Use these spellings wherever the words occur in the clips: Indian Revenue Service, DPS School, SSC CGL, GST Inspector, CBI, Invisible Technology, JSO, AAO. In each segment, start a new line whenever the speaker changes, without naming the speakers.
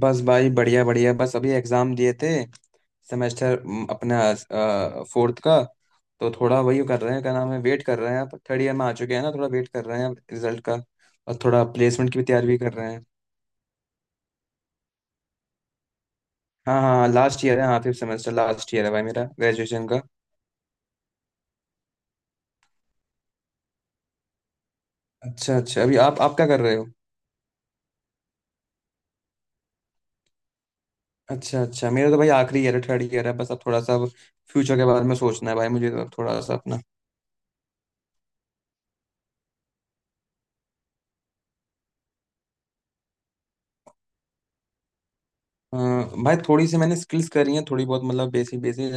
बस भाई बढ़िया बढ़िया। बस अभी एग्जाम दिए थे, सेमेस्टर अपना फोर्थ का। तो थोड़ा वही कर रहे हैं, क्या नाम है, वेट कर रहे हैं। अब थर्ड ईयर में आ चुके हैं ना, थोड़ा वेट कर रहे हैं रिजल्ट का। और थोड़ा प्लेसमेंट की भी तैयारी भी कर रहे हैं। हाँ हाँ, लास्ट ईयर है। हाँ, फिफ्थ सेमेस्टर लास्ट ईयर है भाई मेरा ग्रेजुएशन का। अच्छा अच्छा, अभी आप क्या कर रहे हो? अच्छा अच्छा, मेरा तो भाई आखिरी ईयर है, थर्ड ईयर है। बस अब थोड़ा सा अब फ्यूचर के बारे में सोचना है भाई मुझे, तो थोड़ा सा अपना। अ, भाई थोड़ी सी मैंने स्किल्स करी हैं, थोड़ी बहुत, मतलब बेसिक बेसिक,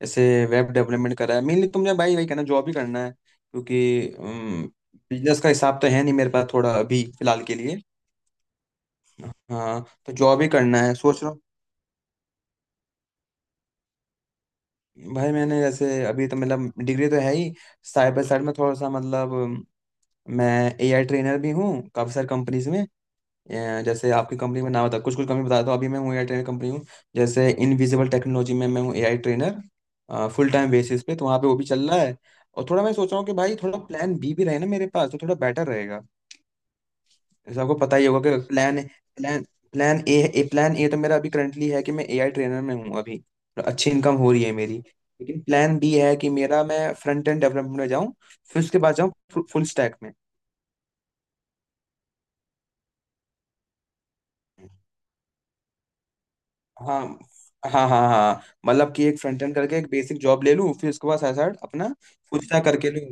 जैसे वेब डेवलपमेंट करा है मेनली। तुमने भाई वही कहना, जॉब ही करना है, क्योंकि बिजनेस का हिसाब तो है नहीं मेरे पास थोड़ा अभी फिलहाल के लिए। हाँ तो जॉब ही करना है सोच रहा हूँ। भाई मैंने जैसे, अभी तो मतलब डिग्री तो है ही, साइड बाय साइड में थोड़ा सा मतलब मैं एआई ट्रेनर भी हूँ, काफ़ी सारी कंपनीज में। जैसे आपकी कंपनी में नाम बता, कुछ कुछ कंपनी बता दो, अभी मैं हूँ एआई ट्रेनर कंपनी हूँ। जैसे इनविजिबल टेक्नोलॉजी में मैं हूँ AI trainer full time basis पे, तो वहाँ पे वो भी चल रहा है। और थोड़ा मैं सोच रहा हूँ कि भाई थोड़ा प्लान बी भी रहे ना मेरे पास, तो थोड़ा बेटर रहेगा। जैसे आपको पता ही होगा कि plan plan plan A A plan A तो मेरा अभी करंटली है कि मैं एआई ट्रेनर में हूँ अभी, तो अच्छी इनकम हो रही है मेरी। लेकिन प्लान बी है कि मेरा, मैं फ्रंट एंड डेवलपमेंट में जाऊँ, फिर उसके बाद जाऊँ फुल स्टैक में। हाँ हाँ हाँ हाँ, मतलब कि एक फ्रंट एंड करके एक बेसिक जॉब ले लूँ, फिर उसके बाद साथ साथ अपना फुल स्टैक करके लूँ।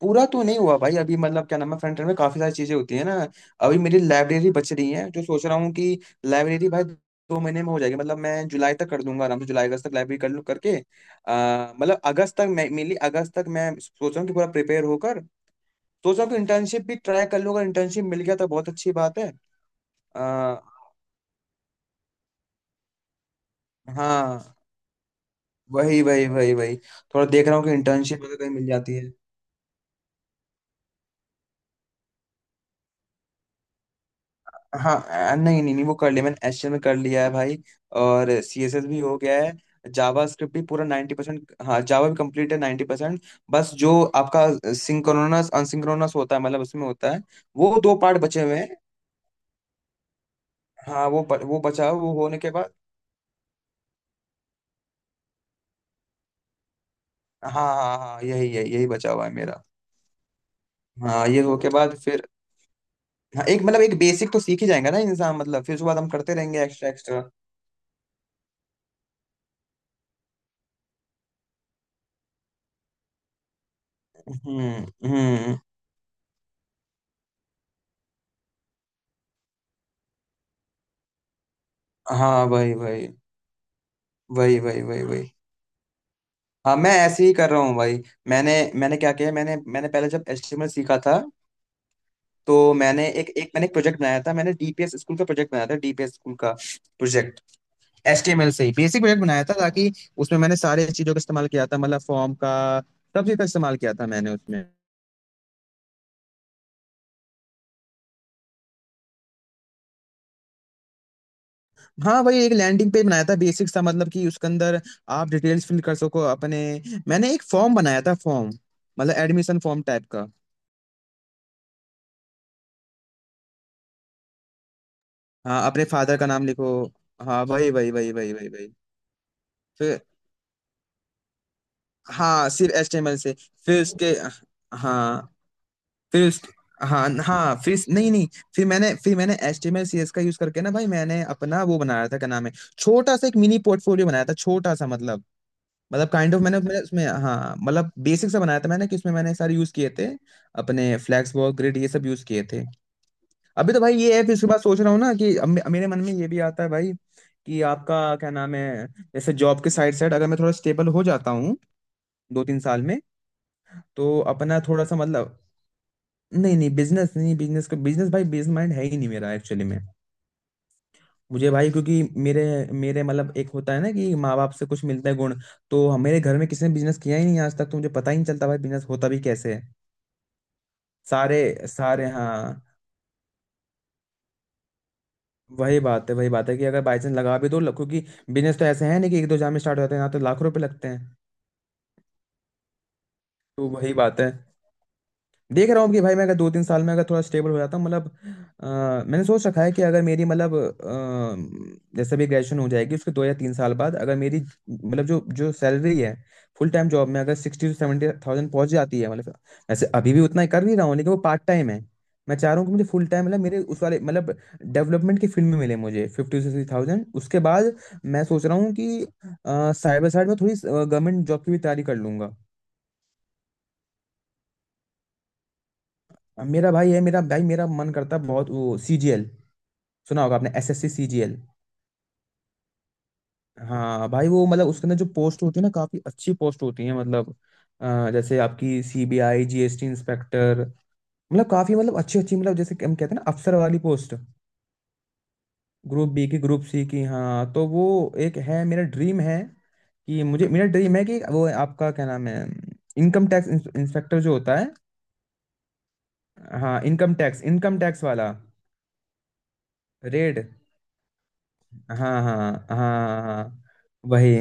पूरा तो नहीं हुआ भाई अभी, मतलब क्या नाम है, फ्रंट एंड में काफी सारी चीजें होती है ना। अभी मेरी लाइब्रेरी बच रही है, तो सोच रहा हूँ कि लाइब्रेरी भाई दो महीने में हो जाएगी, मतलब मैं जुलाई तक कर दूंगा आराम से, जुलाई अगस्त तक लाइब्रेरी कर लूँ करके। मतलब अगस्त तक मैं मेनली, अगस्त तक मैं सोच रहा हूँ कि पूरा प्रिपेयर होकर सोच रहा हूँ कि इंटर्नशिप भी ट्राई कर लूँ, अगर इंटर्नशिप मिल गया तो बहुत अच्छी बात है। आ, हाँ, वही वही वही वही, थोड़ा देख रहा हूँ कि इंटर्नशिप वगैरह कहीं मिल जाती है। हाँ। नहीं नहीं नहीं, वो कर लिया मैंने, एचटीएमएल में कर लिया है भाई, और सीएसएस भी हो गया है। जावास्क्रिप्ट भी पूरा 90%, हाँ, जावा भी कंप्लीट है 90%। बस जो आपका सिंक्रोनस अनसिंक्रोनस होता है, मतलब उसमें होता है, वो दो पार्ट बचे हुए हैं। हाँ वो ब- वो बचा हुआ- वो होने के बाद। हाँ हाँ हाँ हाँ, यही यही यही बचा हुआ है मेरा। हाँ, ये हो के बाद फिर, हाँ, एक मतलब, एक बेसिक तो सीख ही जाएगा ना इंसान, मतलब फिर उसके बाद हम करते रहेंगे एक्स्ट्रा एक्स्ट्रा। हम्म। हाँ भाई भाई, वही वही वही वही, हाँ मैं ऐसे ही कर रहा हूँ भाई। मैंने मैंने क्या किया, मैंने मैंने पहले जब एचटीएमएल सीखा था, तो मैंने एक एक मैंने एक प्रोजेक्ट बनाया था, मैंने डीपीएस स्कूल का प्रोजेक्ट बनाया था, डीपीएस स्कूल का प्रोजेक्ट एचटीएमएल से ही बेसिक प्रोजेक्ट बनाया था, ताकि उसमें मैंने सारे चीजों का इस्तेमाल किया था, मतलब फॉर्म का, सब चीज का इस्तेमाल किया था मैंने उसमें। हाँ भाई, एक लैंडिंग पेज बनाया था बेसिक सा, मतलब कि उसके अंदर आप डिटेल्स फिल कर सको अपने। मैंने एक फॉर्म बनाया था, फॉर्म, मतलब एडमिशन फॉर्म टाइप का। हाँ, अपने फादर का नाम लिखो, हाँ वही वही वही वही वही वही। फिर हाँ, सिर्फ एचटीएमएल से। फिर उसके, हाँ, फिर उस, हाँ हाँ, नहीं नहीं, फिर मैंने एचटीएमएल सीएस का यूज करके ना भाई, मैंने अपना वो बनाया था, क्या नाम है, छोटा सा एक मिनी पोर्टफोलियो बनाया था छोटा सा, मतलब मतलब काइंड ऑफ, मैंने मैंने उसमें, हाँ मतलब बेसिक सा बनाया था मैंने, कि उसमें मैंने सारे यूज किए थे अपने, फ्लैक्स वर्क ग्रिड ये सब यूज किए थे। अभी तो भाई ये है, फिर उसके बाद सोच रहा हूँ ना कि अब मेरे मन में ये भी आता है भाई, कि आपका क्या नाम है, जैसे जॉब के साइड साइड अगर मैं थोड़ा स्टेबल हो जाता हूँ दो तीन साल में, तो अपना थोड़ा सा मतलब, नहीं नहीं बिजनेस नहीं, बिजनेस का, बिजनेस भाई बिजनेस माइंड है ही नहीं मेरा एक्चुअली में। मुझे भाई क्योंकि मेरे मेरे मतलब, एक होता है ना कि माँ बाप से कुछ मिलता है गुण, तो मेरे घर में किसी ने बिजनेस किया ही नहीं आज तक, तो मुझे पता ही नहीं चलता भाई बिजनेस होता भी कैसे है। सारे सारे हाँ। वही बात है, वही बात है कि अगर बाई चांस लगा भी दो, क्योंकि बिजनेस तो ऐसे है नहीं कि एक दो जाम में स्टार्ट हो जाते हैं, यहाँ तो लाख रुपए लगते हैं। तो वही बात है, देख रहा हूँ कि भाई मैं अगर दो तीन साल में अगर थोड़ा स्टेबल हो जाता हूँ, मतलब मैंने सोच रखा है कि अगर मेरी मतलब, जैसे भी ग्रेजुएशन हो जाएगी, उसके दो या तीन साल बाद अगर मेरी मतलब जो जो सैलरी है फुल टाइम जॉब में अगर 60 to 70 थाउजेंड पहुंच जाती है, मतलब वैसे अभी भी उतना ही कर भी रहा हूँ लेकिन वो पार्ट टाइम है। मैं चाह रहा हूँ कि मुझे फुल टाइम मतलब मेरे उस वाले मतलब डेवलपमेंट की फील्ड में मिले मुझे 50 to 60 थाउजेंड, उसके बाद मैं सोच रहा हूँ कि साइबर साइड में थोड़ी गवर्नमेंट जॉब की भी तैयारी कर लूंगा। मेरा भाई है, मेरा भाई, मेरा मन करता है बहुत वो सीजीएल, सुना होगा आपने एसएससी सीजीएल। हाँ भाई वो मतलब उसके अंदर जो पोस्ट होती है ना, काफी अच्छी पोस्ट होती है, मतलब जैसे आपकी सीबीआई, जीएसटी इंस्पेक्टर, मतलब काफी मतलब अच्छी अच्छी, मतलब जैसे कि हम कहते हैं ना अफसर वाली पोस्ट, ग्रुप बी की ग्रुप सी की। हाँ तो वो एक है मेरा ड्रीम है कि मुझे, मेरा ड्रीम है कि वो आपका क्या नाम है, इनकम टैक्स इंस्पेक्टर जो होता है। हाँ इनकम टैक्स, इनकम टैक्स वाला रेड। हाँ हाँ हाँ हाँ वही।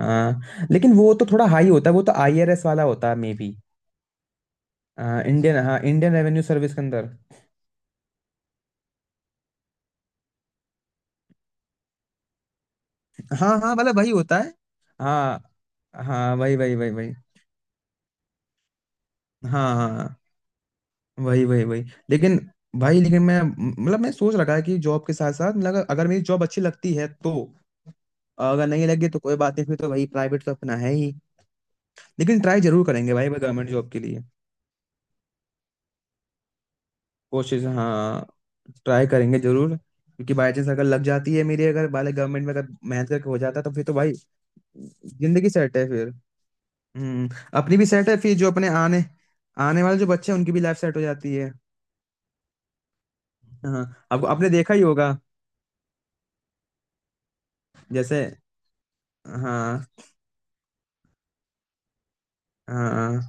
हाँ लेकिन वो तो थोड़ा हाई होता है, वो तो आईआरएस वाला होता है मे बी, इंडियन, हाँ इंडियन रेवेन्यू सर्विस के अंदर। हाँ हाँ मतलब वही होता है। हाँ हाँ वही वही वही वही। हाँ हाँ वही वही वही। लेकिन भाई, लेकिन मैं मतलब मैं सोच रखा है कि जॉब के साथ साथ, मतलब अगर मेरी जॉब अच्छी लगती है तो, अगर नहीं लगे तो कोई बात नहीं, फिर तो वही प्राइवेट तो अपना है ही। लेकिन ट्राई जरूर करेंगे भाई गवर्नमेंट जॉब के लिए। कोशिश हाँ, ट्राई करेंगे जरूर, क्योंकि बाई चांस अगर लग जाती है मेरी, अगर वाले गवर्नमेंट में अगर मेहनत करके हो जाता तो फिर तो भाई जिंदगी सेट है फिर। हम्म, अपनी भी सेट है, फिर जो अपने आने आने वाले जो बच्चे हैं उनकी भी लाइफ सेट हो जाती है। हाँ, अब आपने देखा ही होगा जैसे। हाँ हाँ,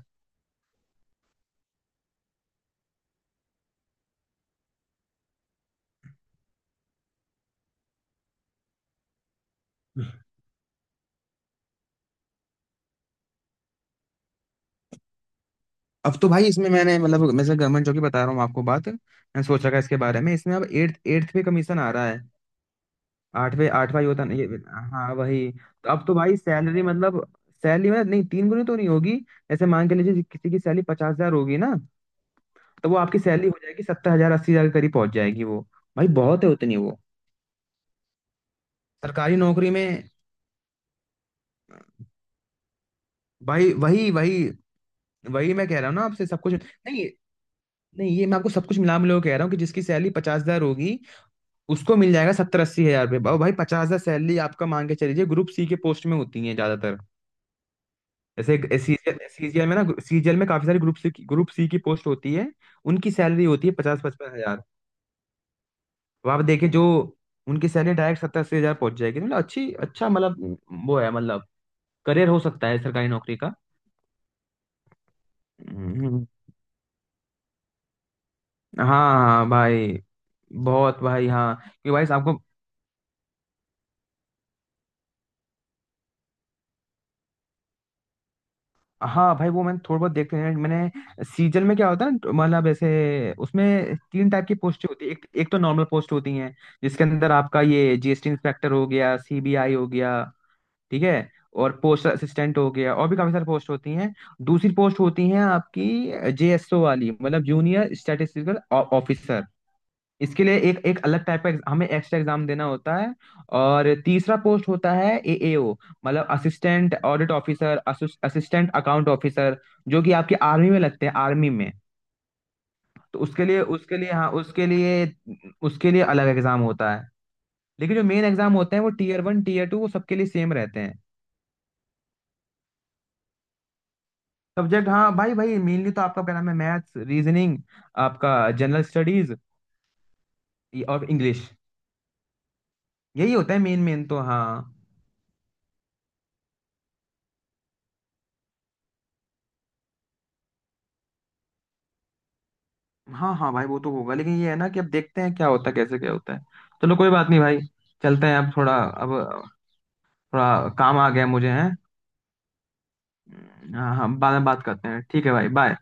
अब तो भाई इसमें मैंने मतलब, मैं गवर्नमेंट जॉब की बता रहा हूँ आपको बात, मैं सोच रखा है इसके बारे में, इसमें अब एट्थ एट्थ पे कमीशन आ रहा है। आठवें, आठवां ही होता ना ये। हाँ वही तो, अब तो भाई सैलरी मतलब, सैलरी मतलब नहीं तीन गुनी तो नहीं होगी। ऐसे मान के लीजिए किसी की सैलरी 50,000 होगी ना, तो वो आपकी सैलरी हो जाएगी 70,000 80,000 के करीब पहुंच जाएगी वो। भाई बहुत है उतनी वो सरकारी नौकरी में। भाई वही वही वही मैं कह रहा हूँ ना आपसे, सब कुछ नहीं, नहीं ये मैं आपको सब कुछ मिला मिला के कह रहा हूँ कि जिसकी सैलरी 50,000 होगी, उसको मिल जाएगा 70–80,000 रुपये भाई। 50,000 सैलरी आपका मान के चलिए ग्रुप सी के पोस्ट में होती है ज्यादातर, जैसे सीजीएल, सीजीएल में ना सीजीएल में काफी सारी ग्रुप सी, ग्रुप सी की पोस्ट होती है, उनकी सैलरी होती है 50–55,000। वहां पे देखिए जो, उनकी सैलरी डायरेक्ट 70–80,000 पहुंच जाएगी, तो मतलब अच्छी, अच्छा मतलब, वो है मतलब करियर हो सकता है सरकारी नौकरी का। हम्म। हाँ हाँ भाई, बहुत भाई, हाँ। कि भाई आपको, हाँ भाई वो मैंने थोड़ा बहुत देखते हैं, मैंने सीजन में क्या होता है ना, तो मतलब ऐसे उसमें तीन टाइप की पोस्टें होती है, एक एक तो नॉर्मल पोस्ट होती हैं जिसके अंदर आपका ये जीएसटी इंस्पेक्टर हो गया, सीबीआई हो गया, ठीक है, और पोस्ट असिस्टेंट हो गया, और भी काफी सारी पोस्ट होती हैं। दूसरी पोस्ट होती है आपकी जेएसओ वाली, मतलब जूनियर स्टैटिस्टिकल ऑफिसर। इसके लिए एक एक अलग टाइप का हमें एक्स्ट्रा एग्जाम देना होता है। और तीसरा पोस्ट होता है एएओ, मतलब assistant audit officer, assistant account officer, जो कि आपके आर्मी में लगते हैं, आर्मी में। तो उसके लिए हाँ, उसके लिए अलग एग्जाम होता है। लेकिन जो मेन एग्जाम होते हैं वो टीयर 1 टीयर 2 वो सबके लिए सेम रहते हैं। सब्जेक्ट हाँ भाई भाई, मेनली तो आपका क्या नाम है, मैथ्स, रीजनिंग, आपका जनरल स्टडीज, और इंग्लिश। यही होता है मेन मेन तो, हाँ हाँ हाँ भाई। वो तो होगा लेकिन ये है ना कि अब देखते हैं क्या होता है, कैसे क्या होता है। चलो कोई बात नहीं भाई, चलते हैं अब थोड़ा, अब थोड़ा काम आ गया मुझे है। हाँ हाँ, बाद में बात करते हैं, ठीक है भाई, बाय।